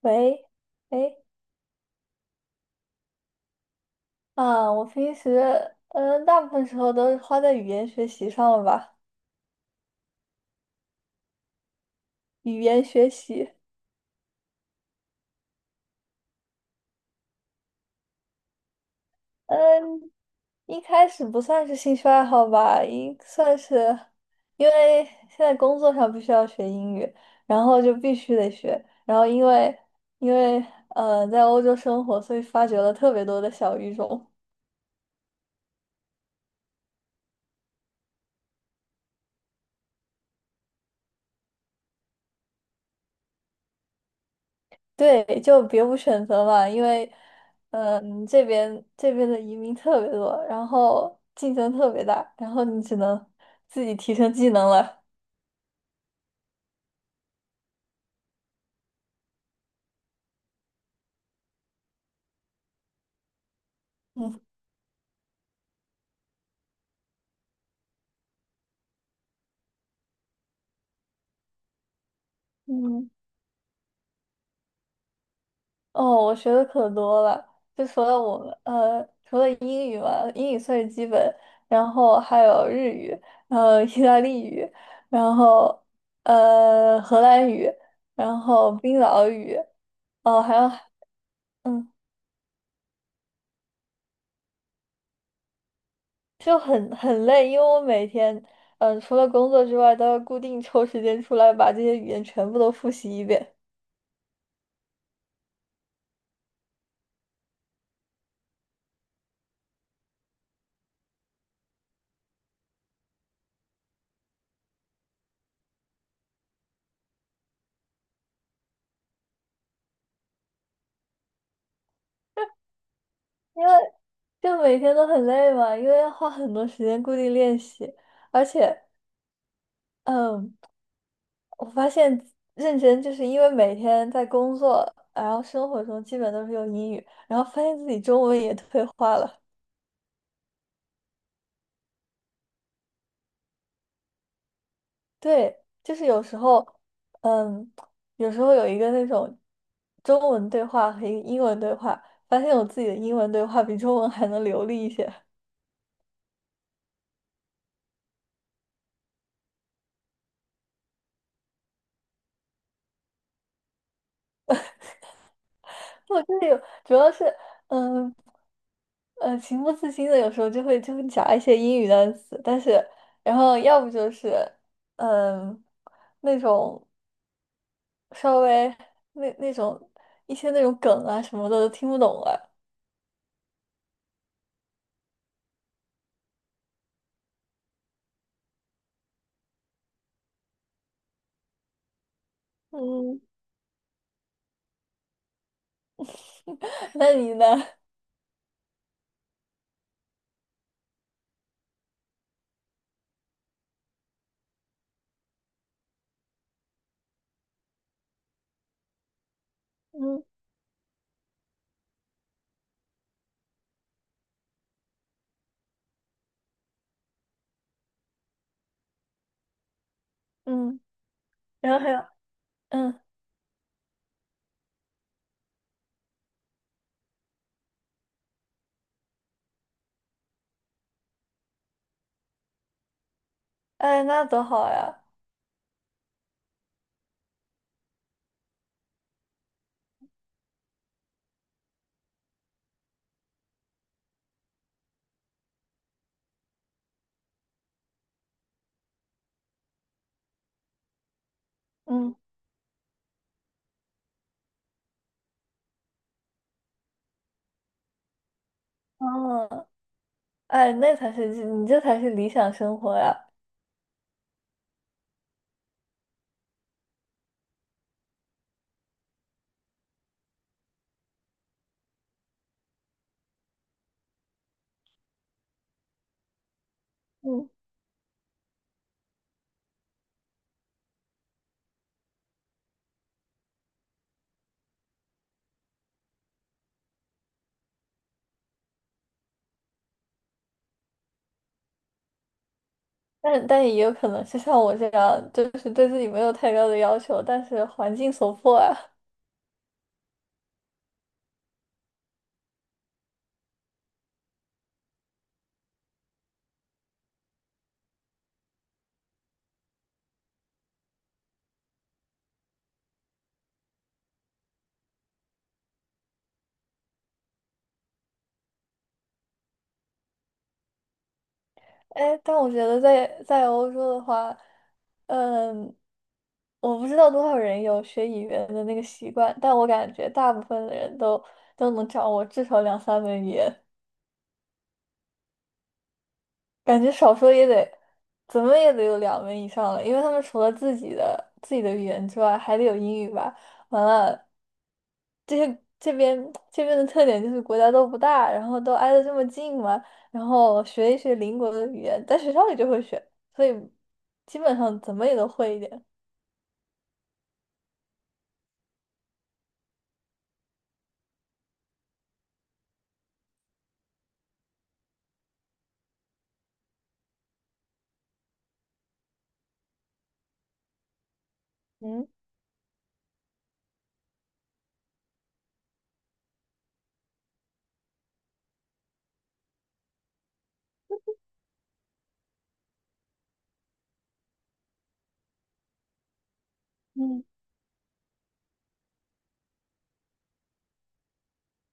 喂，哎，啊，我平时，大部分时候都是花在语言学习上了吧？语言学习。嗯，一开始不算是兴趣爱好吧，应算是，因为现在工作上必须要学英语，然后就必须得学，然后因为在欧洲生活，所以发掘了特别多的小语种。对，就别无选择嘛，因为，这边的移民特别多，然后竞争特别大，然后你只能自己提升技能了。嗯嗯。哦，我学的可多了，就除了我们，除了英语嘛，英语算是基本，然后还有日语，意大利语，然后荷兰语，然后冰岛语，哦，还有，嗯。就很累，因为我每天，除了工作之外，都要固定抽时间出来把这些语言全部都复习一遍，因为就每天都很累嘛，因为要花很多时间固定练习，而且，嗯，我发现认真就是因为每天在工作，然后生活中基本都是用英语，然后发现自己中文也退化了。对，就是嗯，有时候有一个那种中文对话和一个英文对话，发现我自己的英文对话比中文还能流利一些。我就是有，主要是，嗯，情不自禁的，有时候就会夹一些英语单词，但是，然后要不就是，嗯，那种稍微那种一些那种梗啊什么的都听不懂了。嗯，那你呢？嗯嗯。然后还有，嗯，哎，那多好呀，嗯，哦，哎，那才是你这才是理想生活呀，嗯，但也有可能是像我这样，就是对自己没有太高的要求，但是环境所迫啊，哎，但我觉得在欧洲的话，嗯，我不知道多少人有学语言的那个习惯，但我感觉大部分的人都能掌握至少两三门语言。感觉少说也得，怎么也得有两门以上了，因为他们除了自己的语言之外，还得有英语吧。完了，这些这边的特点就是国家都不大，然后都挨得这么近嘛，然后学一学邻国的语言，在学校里就会学，所以基本上怎么也都会一点。嗯嗯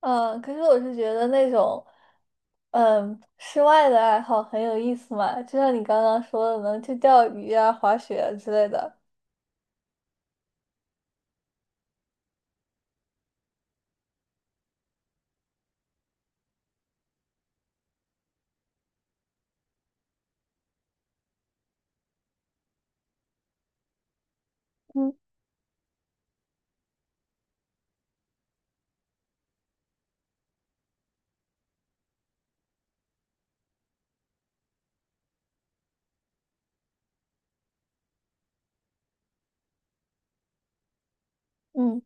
嗯。可是我是觉得那种室外的爱好很有意思嘛，就像你刚刚说的能去钓鱼啊、滑雪啊之类的。嗯。嗯。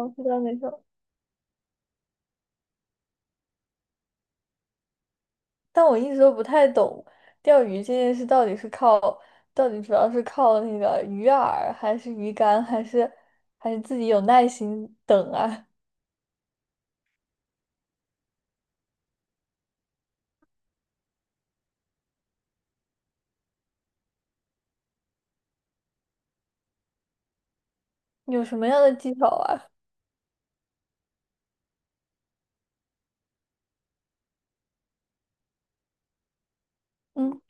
我知道没错，但我一直都不太懂钓鱼这件事到底是靠，到底主要是靠那个鱼饵，还是鱼竿，还是自己有耐心等啊？有什么样的技巧啊？嗯，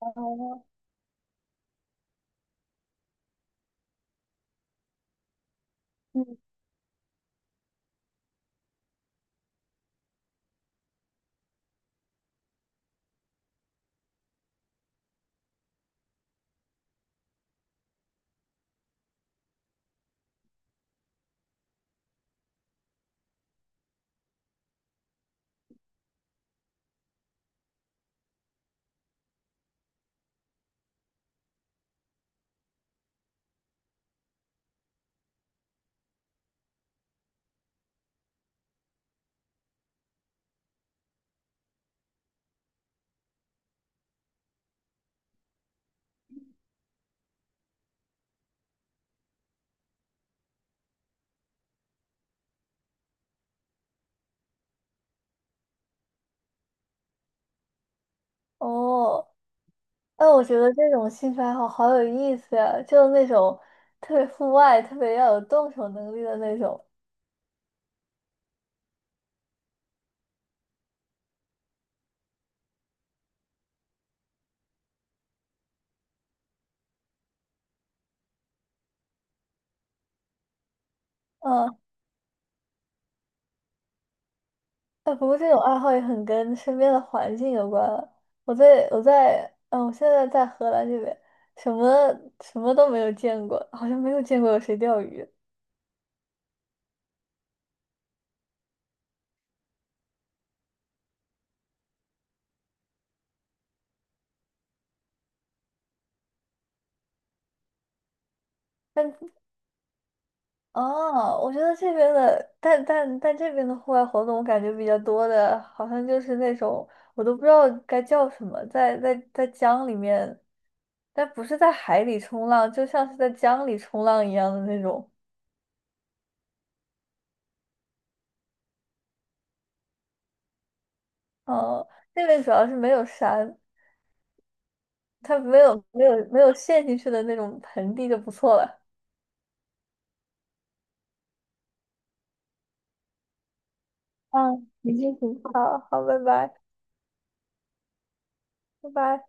哦嗯，哦，哎，我觉得这种兴趣爱好好有意思呀，就是那种特别户外、特别要有动手能力的那种。嗯。哎，不过这种爱好也很跟身边的环境有关了。我现在在荷兰这边，什么什么都没有见过，好像没有见过有谁钓鱼。但哦，我觉得这边的，但这边的户外活动，我感觉比较多的，好像就是那种我都不知道该叫什么，在江里面，但不是在海里冲浪，就像是在江里冲浪一样的那种。哦，那边主要是没有山，他没有陷进去的那种盆地就不错了。嗯，已经很好好，拜拜，拜拜。